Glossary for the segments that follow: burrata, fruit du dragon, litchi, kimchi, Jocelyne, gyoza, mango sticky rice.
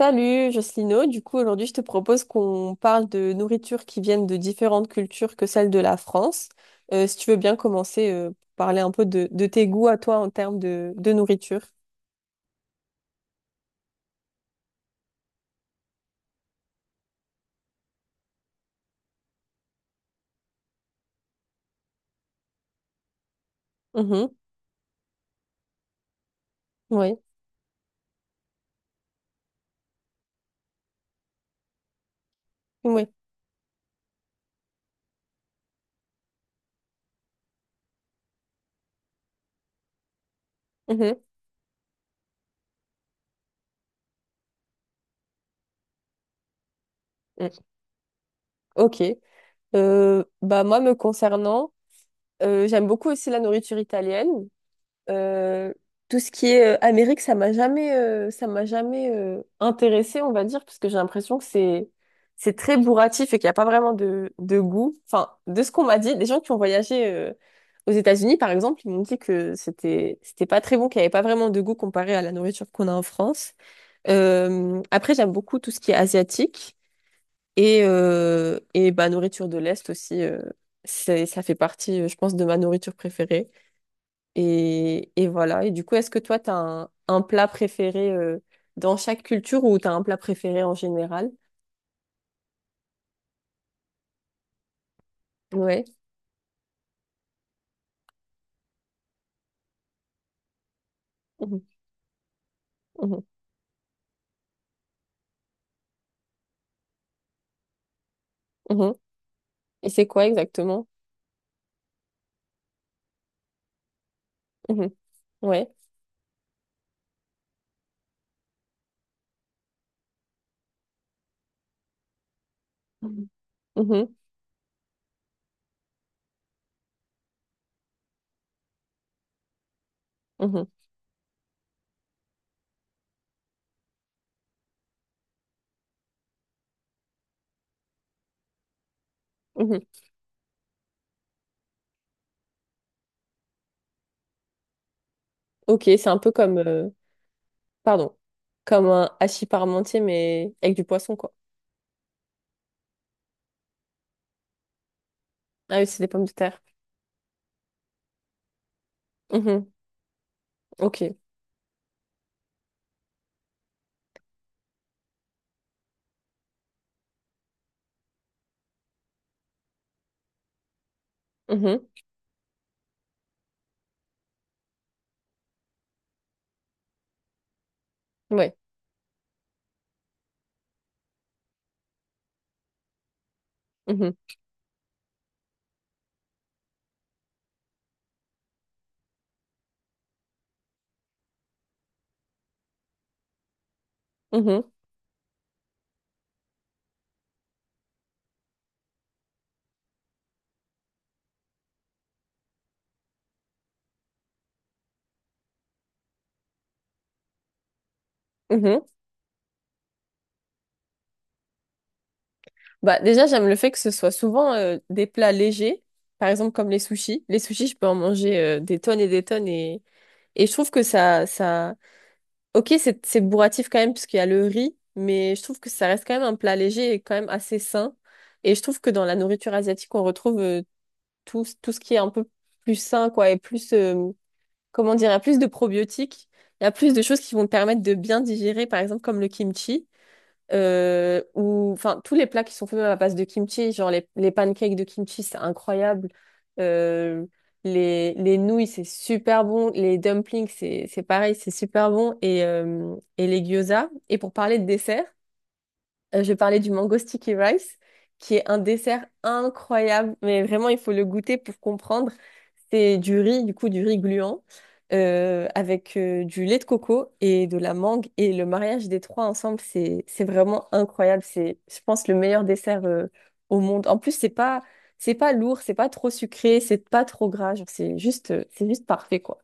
Salut Jocelyno, du coup aujourd'hui je te propose qu'on parle de nourriture qui viennent de différentes cultures que celles de la France. Si tu veux bien commencer, parler un peu de tes goûts à toi en termes de nourriture. Mhm, oui, oui. Mhm, mm. Ok. Bah moi me concernant, j'aime beaucoup aussi la nourriture italienne. Euh, tout ce qui est Amérique, ça m'a jamais intéressée, on va dire, parce que j'ai l'impression que c'est très bourratif et qu'il n'y a pas vraiment de goût. Enfin, de ce qu'on m'a dit, des gens qui ont voyagé aux États-Unis, par exemple, ils m'ont dit que c'était pas très bon, qu'il n'y avait pas vraiment de goût comparé à la nourriture qu'on a en France. Après, j'aime beaucoup tout ce qui est asiatique et bah nourriture de l'Est aussi. C'est ça fait partie, je pense, de ma nourriture préférée. Et voilà. Et du coup, est-ce que toi, tu as un plat préféré dans chaque culture ou tu as un plat préféré en général? Ouais. Mhm, mhm, mhm. Et c'est quoi exactement? Mhm, ouais. Mhm, mhm, mhm, mhm. Ok, c'est un peu comme, pardon, comme un hachis parmentier, mais avec du poisson, quoi. Ah oui, c'est des pommes de terre. Mhm, ok. Mhm, ouais. Mhm, mhm, mhm. Bah, déjà, j'aime le fait que ce soit souvent des plats légers, par exemple comme les sushis. Les sushis, je peux en manger des tonnes et je trouve que ça... Ok, c'est bourratif quand même puisqu'il y a le riz, mais je trouve que ça reste quand même un plat léger et quand même assez sain. Et je trouve que dans la nourriture asiatique, on retrouve tout, tout ce qui est un peu plus sain, quoi, et plus, comment dire, il y a plus de probiotiques, il y a plus de choses qui vont te permettre de bien digérer, par exemple comme le kimchi ou enfin tous les plats qui sont faits à base de kimchi, genre les pancakes de kimchi, c'est incroyable. Euh, les, les nouilles, c'est super bon. Les dumplings, c'est pareil, c'est super bon. Et les gyoza. Et pour parler de dessert, je parlais du mango sticky rice, qui est un dessert incroyable, mais vraiment, il faut le goûter pour comprendre. C'est du riz, du coup, du riz gluant, avec du lait de coco et de la mangue. Et le mariage des trois ensemble, c'est vraiment incroyable. C'est, je pense, le meilleur dessert au monde. En plus, c'est pas lourd, c'est pas trop sucré, c'est pas trop gras. Genre, c'est juste, c'est juste parfait, quoi.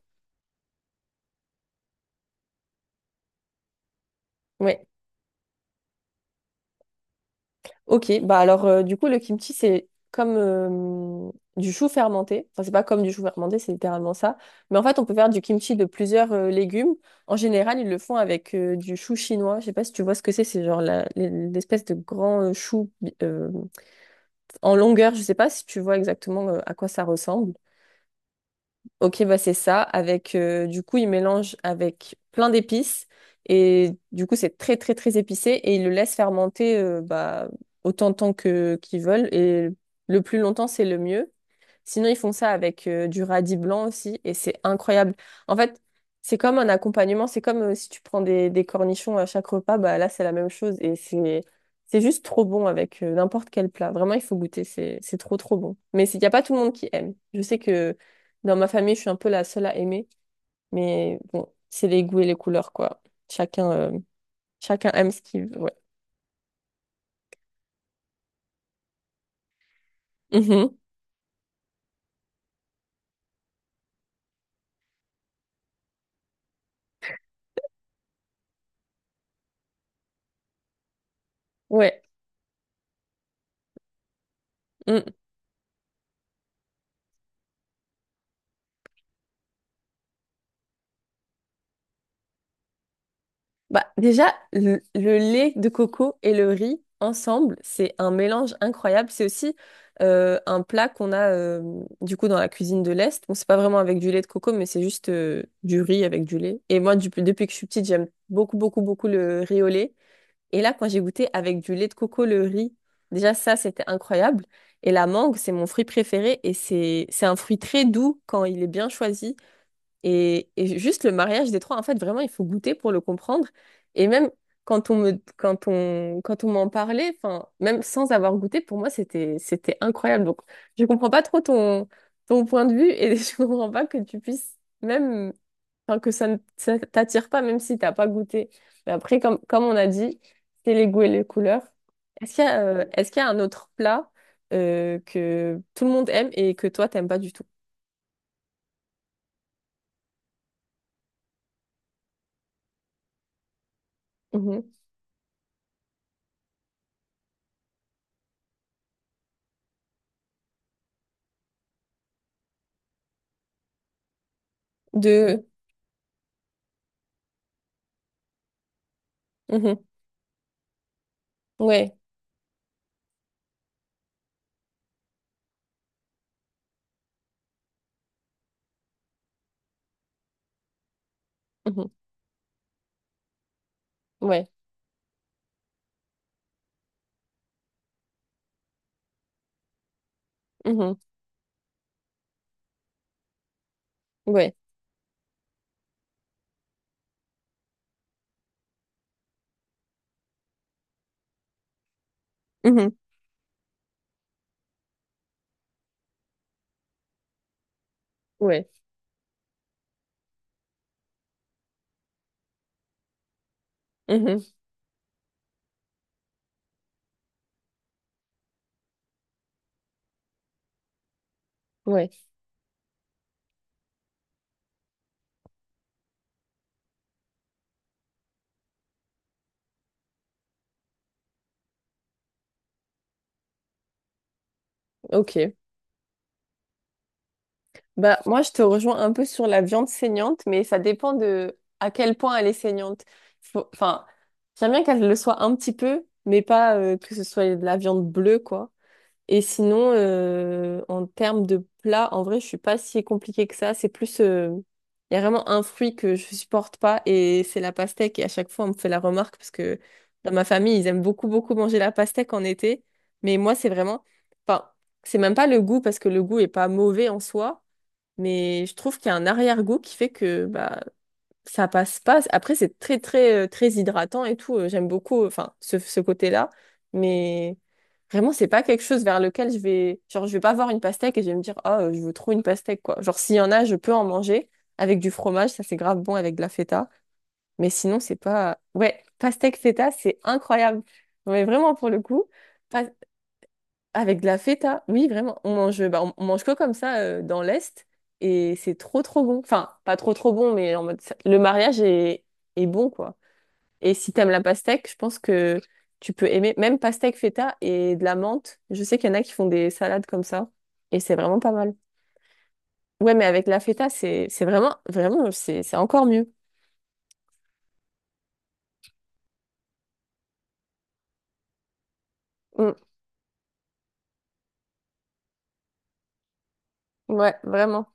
Ouais. Ok, bah alors du coup le kimchi c'est comme du chou fermenté. Enfin c'est pas comme du chou fermenté, c'est littéralement ça. Mais en fait on peut faire du kimchi de plusieurs légumes. En général ils le font avec du chou chinois. Je sais pas si tu vois ce que c'est genre l'espèce de grand chou euh, en longueur. Je sais pas si tu vois exactement à quoi ça ressemble. Ok, bah c'est ça. Avec, du coup, il mélange avec plein d'épices. Et du coup, c'est très, très, très épicé. Et il le laisse fermenter bah, autant de temps que qu'ils veulent. Et le plus longtemps, c'est le mieux. Sinon, ils font ça avec du radis blanc aussi et c'est incroyable. En fait, c'est comme un accompagnement, c'est comme si tu prends des cornichons à chaque repas, bah là, c'est la même chose et c'est juste trop bon avec n'importe quel plat. Vraiment, il faut goûter, c'est trop trop bon. Mais il n'y a pas tout le monde qui aime. Je sais que dans ma famille, je suis un peu la seule à aimer, mais bon, c'est les goûts et les couleurs quoi. Chacun euh, chacun aime ce qu'il veut. Ouais. Mhm. Ouais. Mm. Bah, déjà, le lait de coco et le riz ensemble, c'est un mélange incroyable. C'est aussi un plat qu'on a du coup dans la cuisine de l'Est. Bon, c'est pas vraiment avec du lait de coco, mais c'est juste du riz avec du lait. Et moi, depuis que je suis petite, j'aime beaucoup, beaucoup, beaucoup le riz au lait. Et là, quand j'ai goûté avec du lait de coco le riz, déjà ça, c'était incroyable. Et la mangue, c'est mon fruit préféré et c'est un fruit très doux quand il est bien choisi. Et juste le mariage des trois, en fait, vraiment, il faut goûter pour le comprendre. Et même quand on, quand on m'en parlait, enfin, même sans avoir goûté, pour moi, c'était, c'était incroyable. Donc, je comprends pas trop ton, ton point de vue et je comprends pas que tu puisses même, enfin, que ça t'attire pas, même si t'as pas goûté. Mais après, comme, comme on a dit, c'est les goûts et les couleurs. Est-ce qu'il y a, est-ce qu'il y a un autre plat, que tout le monde aime et que toi, t'aimes pas du tout? Mhm. De, mhm. Ouais. Mhm. Ouais, mhm. Ouais, mhm. Ouais, mhm. Ouais, ok. Bah, moi, je te rejoins un peu sur la viande saignante, mais ça dépend de à quel point elle est saignante. Enfin, j'aime bien qu'elle le soit un petit peu, mais pas que ce soit de la viande bleue, quoi. Et sinon, en termes de plat, en vrai, je suis pas si compliquée que ça. C'est plus, il y a vraiment un fruit que je supporte pas et c'est la pastèque. Et à chaque fois, on me fait la remarque parce que dans ma famille, ils aiment beaucoup, beaucoup manger la pastèque en été. Mais moi, c'est vraiment, enfin, c'est même pas le goût parce que le goût est pas mauvais en soi, mais je trouve qu'il y a un arrière-goût qui fait que, bah, ça passe pas. Après, c'est très, très, très hydratant et tout. J'aime beaucoup, enfin, ce côté-là. Mais vraiment, c'est pas quelque chose vers lequel je vais, genre, je vais pas voir une pastèque et je vais me dire, ah, je veux trop une pastèque, quoi. Genre, s'il y en a, je peux en manger avec du fromage. Ça, c'est grave bon avec de la feta. Mais sinon, c'est pas, ouais, pastèque feta, c'est incroyable. Mais vraiment, pour le coup, pas- avec de la feta, oui, vraiment. On mange, bah, on mange que comme ça dans l'Est et c'est trop trop bon. Enfin, pas trop trop bon, mais en mode le mariage est, est bon quoi. Et si t'aimes la pastèque, je pense que tu peux aimer même pastèque feta et de la menthe. Je sais qu'il y en a qui font des salades comme ça et c'est vraiment pas mal. Ouais, mais avec la feta, c'est vraiment vraiment c'est encore mieux. Mm. Ouais, vraiment.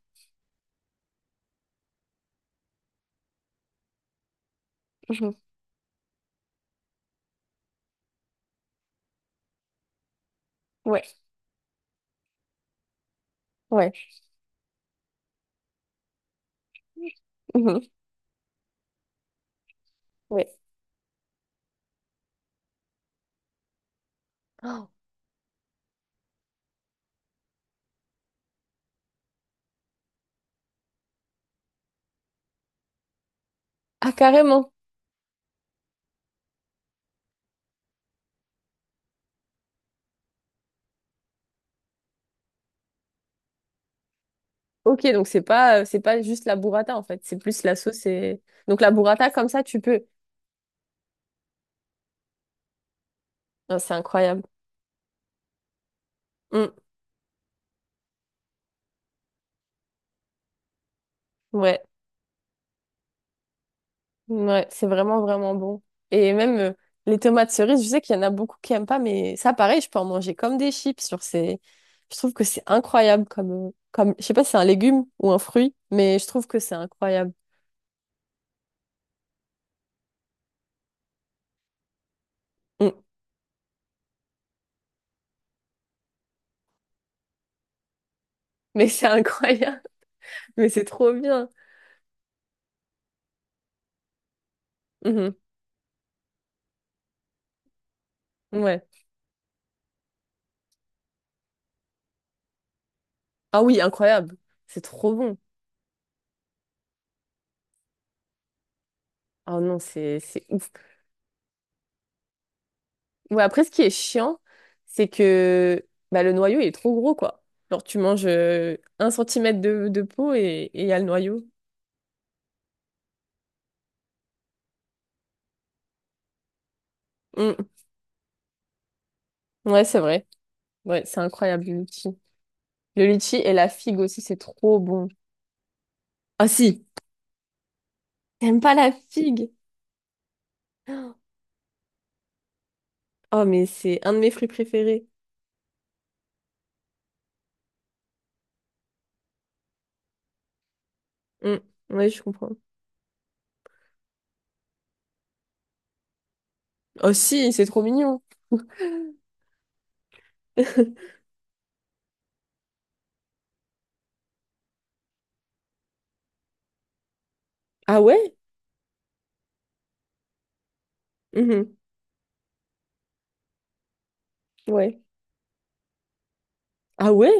Mhm. Ouais, ouais, mhm. Ouais. Oh. Ah, carrément. Ok, donc c'est pas juste la burrata en fait, c'est plus la sauce et... Donc la burrata comme ça, tu peux. Non, c'est incroyable. Mm. Ouais, ouais, c'est vraiment, vraiment bon. Et même les tomates cerises, je sais qu'il y en a beaucoup qui aiment pas, mais ça, pareil, je peux en manger comme des chips sur ces... Je trouve que c'est incroyable comme, comme... Je sais pas si c'est un légume ou un fruit, mais je trouve que c'est incroyable. Mm. Mais c'est incroyable, mais c'est trop bien. Mhm. Ouais. Ah oui, incroyable. C'est trop bon. Ah non, c'est ouf. Ouais, après, ce qui est chiant, c'est que bah, le noyau, il est trop gros, quoi. Genre, tu manges un centimètre de peau et il y a le noyau. Mm. Ouais, c'est vrai. Ouais, c'est incroyable, le litchi. Le litchi et la figue aussi, c'est trop bon. Ah si, t'aimes pas la figue? Oh, mais c'est un de mes fruits préférés. Mm. Ouais, je comprends. Oh si, c'est trop mignon. Ah ouais? Mhm. Ouais. Ah ouais?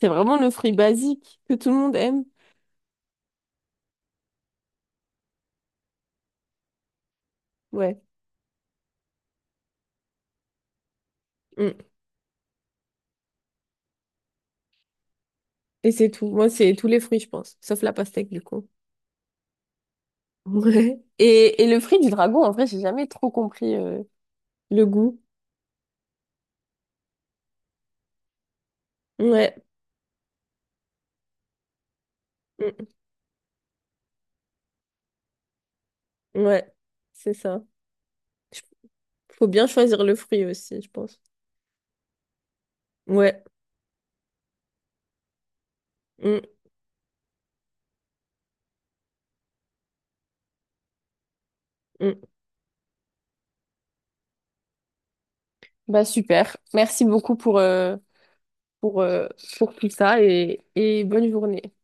C'est vraiment le fruit basique que tout le monde aime. Ouais. Mm. Et c'est tout. Moi, c'est tous les fruits, je pense. Sauf la pastèque, du coup. Ouais. Et le fruit du dragon, en vrai, j'ai jamais trop compris le goût. Ouais. Mm. Ouais. C'est ça. Je- Faut bien choisir le fruit aussi, je pense. Ouais. Mm. Mm. Bah super. Merci beaucoup pour, euh, pour tout ça et bonne journée.